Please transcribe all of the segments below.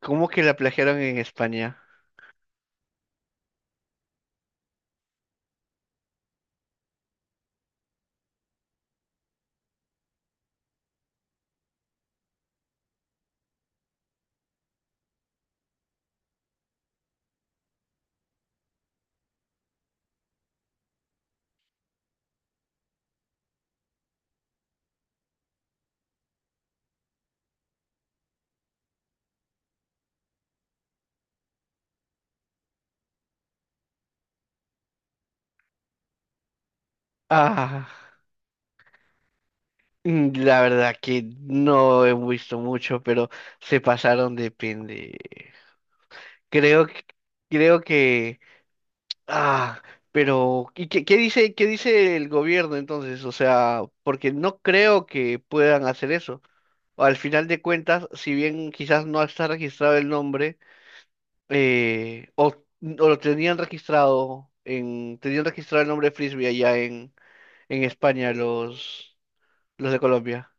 ¿Cómo que la plagiaron en España? Ah, la verdad que no he visto mucho, pero se pasaron de pende. Creo que, creo que, ah, pero ¿y qué dice el gobierno entonces? O sea, porque no creo que puedan hacer eso. Al final de cuentas, si bien quizás no está registrado el nombre, o lo tenían registrado el nombre de Frisbee allá en España, los de Colombia.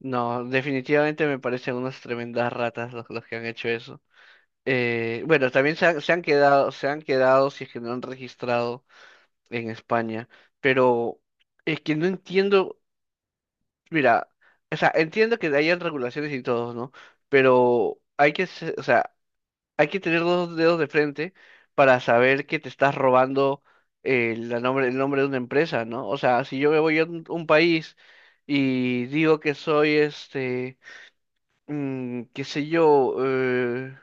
No, definitivamente me parecen unas tremendas ratas los que han hecho eso. Bueno, también se han quedado si es que no han registrado en España, pero es que no entiendo, mira, o sea, entiendo que hayan regulaciones y todo, ¿no? Pero o sea, hay que tener dos dedos de frente para saber que te estás robando el nombre de una empresa, ¿no? O sea, si yo me voy a un país y digo que soy qué sé yo, eh,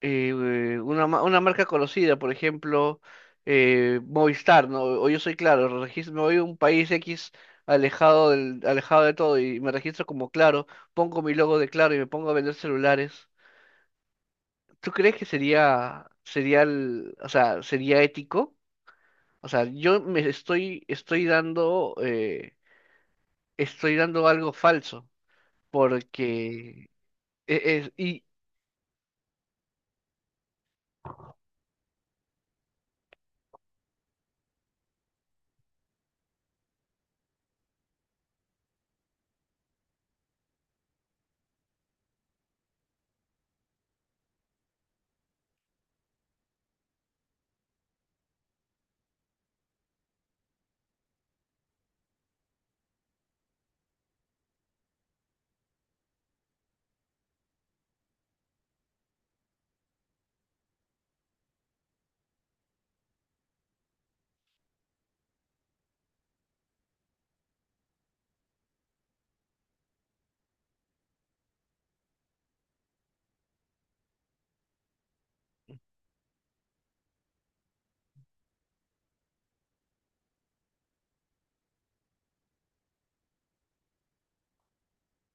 eh, eh, una, ma- una marca conocida, por ejemplo, Movistar, ¿no? O yo soy Claro, me voy a un país X, alejado alejado de todo y me registro como Claro, pongo mi logo de Claro y me pongo a vender celulares. ¿Tú crees que o sea, sería ético? O sea, yo me estoy dando algo falso, porque e- es, y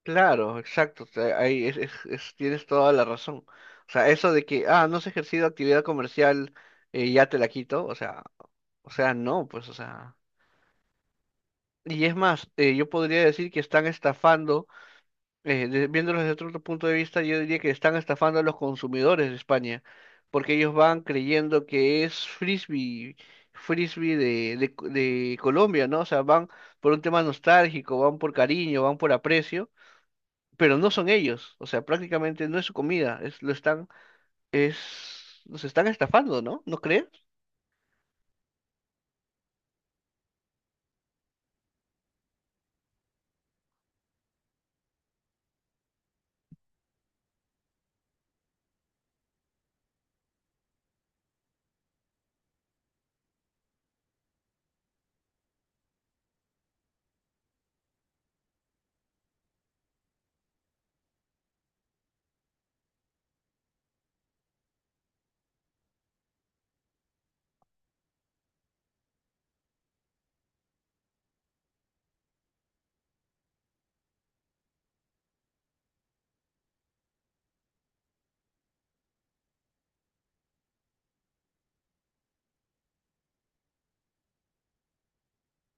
claro, exacto, o sea, ahí tienes toda la razón. O sea, eso de que, no has ejercido actividad comercial, ya te la quito, o sea, no, pues, o sea, y es más, yo podría decir que están estafando, viéndolos desde otro punto de vista, yo diría que están estafando a los consumidores de España, porque ellos van creyendo que es frisbee de Colombia, ¿no? O sea, van por un tema nostálgico, van por cariño, van por aprecio, pero no son ellos, o sea, prácticamente no es su comida, es, lo están, es, los están estafando, ¿no? ¿No crees?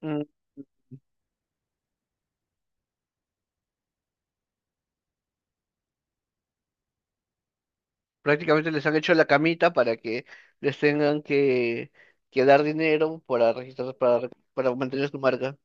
Mm. Prácticamente les han hecho la camita para que les tengan que dar dinero para registrar, para mantener su marca.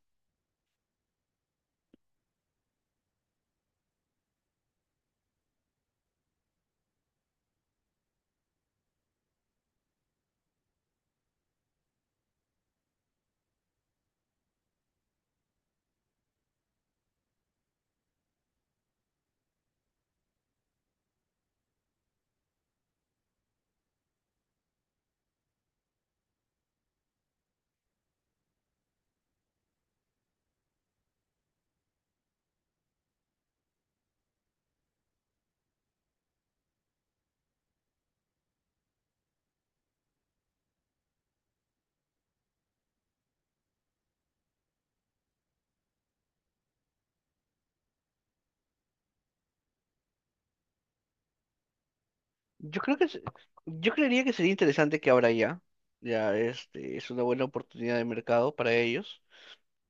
Yo creo que yo creería que sería interesante que ahora ya, es una buena oportunidad de mercado para ellos.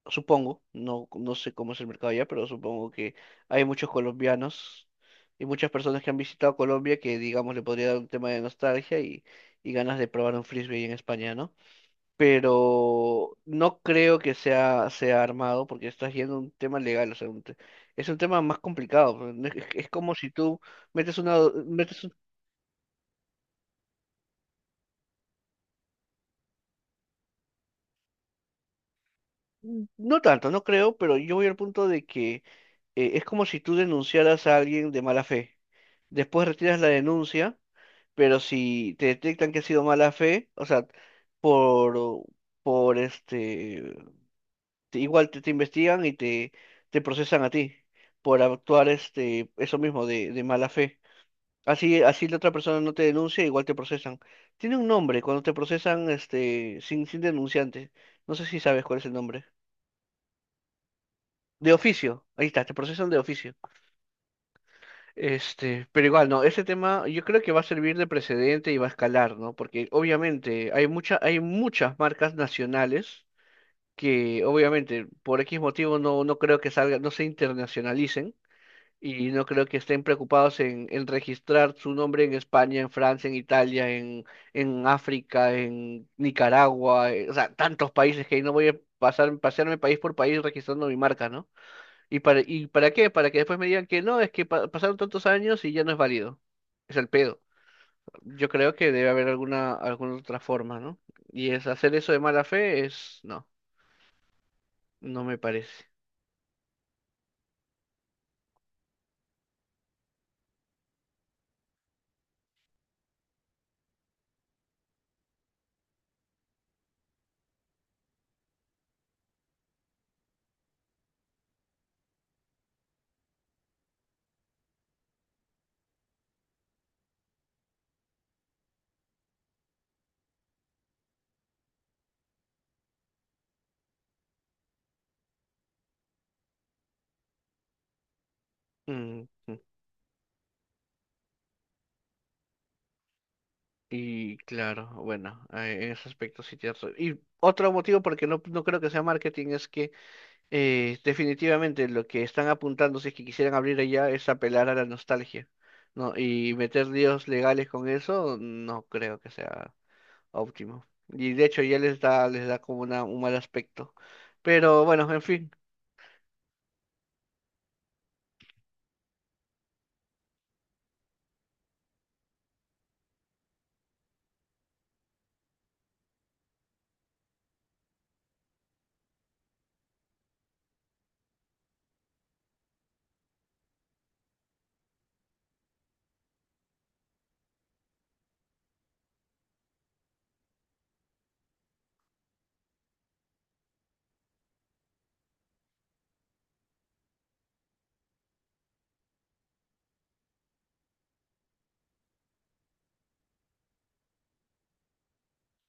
Supongo, no, no sé cómo es el mercado allá, pero supongo que hay muchos colombianos y muchas personas que han visitado Colombia que, digamos, le podría dar un tema de nostalgia y ganas de probar un frisbee ahí en España, ¿no? Pero no creo que sea armado porque estás yendo a un tema legal, o sea, es un tema más complicado. Pues, no es como si tú metes una, metes. No tanto, no creo, pero yo voy al punto de que es como si tú denunciaras a alguien de mala fe. Después retiras la denuncia, pero si te detectan que ha sido mala fe, o sea, por, por este, igual te investigan y te procesan a ti por actuar, eso mismo de mala fe. Así la otra persona no te denuncia, igual te procesan. Tiene un nombre cuando te procesan sin denunciante. No sé si sabes cuál es el nombre. De oficio, ahí está, te procesan de oficio. Pero igual, no, ese tema yo creo que va a servir de precedente y va a escalar, ¿no? Porque obviamente hay muchas marcas nacionales que obviamente por X motivo no creo que salgan, no se internacionalicen y no creo que estén preocupados en registrar su nombre en España, en Francia, en Italia, en África, en Nicaragua, o sea, tantos países que ahí no voy a pasearme país por país registrando mi marca, ¿no? ¿Y para qué? Para que después me digan que no, es que pasaron tantos años y ya no es válido. Es el pedo. Yo creo que debe haber alguna otra forma, ¿no? Y es hacer eso de mala fe es, no, no me parece. Mm, mm. Y claro, bueno, en ese aspecto sí tienes razón. Y otro motivo porque no creo que sea marketing es que definitivamente lo que están apuntando, si es que quisieran abrir allá, es apelar a la nostalgia, ¿no? Y meter líos legales con eso, no creo que sea óptimo. Y de hecho ya les da como un mal aspecto. Pero bueno, en fin,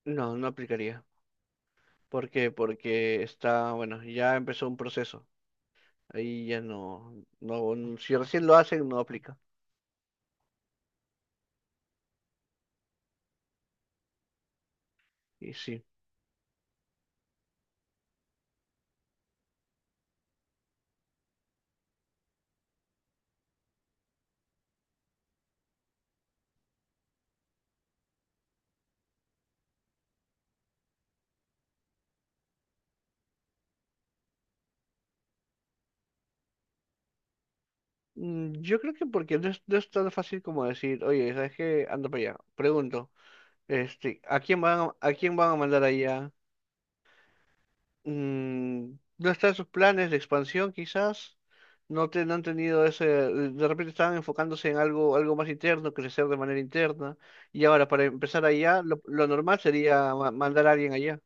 no, no aplicaría. ¿Por qué? Porque está, bueno, ya empezó un proceso. Ahí ya no, si recién lo hacen, no aplica. Y sí. Yo creo que porque no es tan fácil como decir, oye, ¿sabes qué? Anda para allá. Pregunto, ¿a quién a quién van a mandar allá? No está en sus planes de expansión, quizás. No, no han tenido ese. De repente estaban enfocándose en algo más interno, crecer de manera interna. Y ahora, para empezar allá, lo normal sería mandar a alguien allá.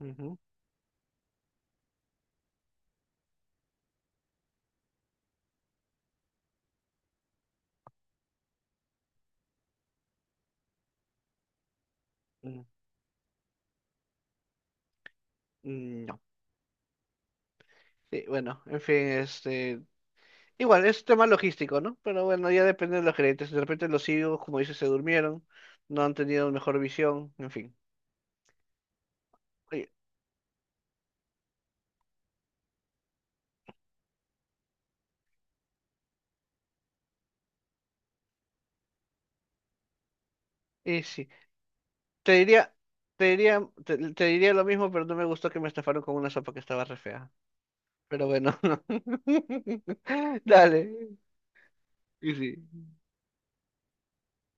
Ujú, mm, mm, No. Sí, bueno, en fin. Igual, es tema logístico, ¿no? Pero bueno, ya depende de los gerentes. De repente los CEOs, como dices, se durmieron, no han tenido mejor visión, en fin. Oye. Y, sí. Te diría, te diría lo mismo, pero no me gustó que me estafaron con una sopa que estaba re fea. Pero bueno, no. Dale. Y sí.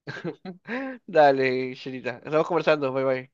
Dale, Sherita. Estamos conversando. Bye bye.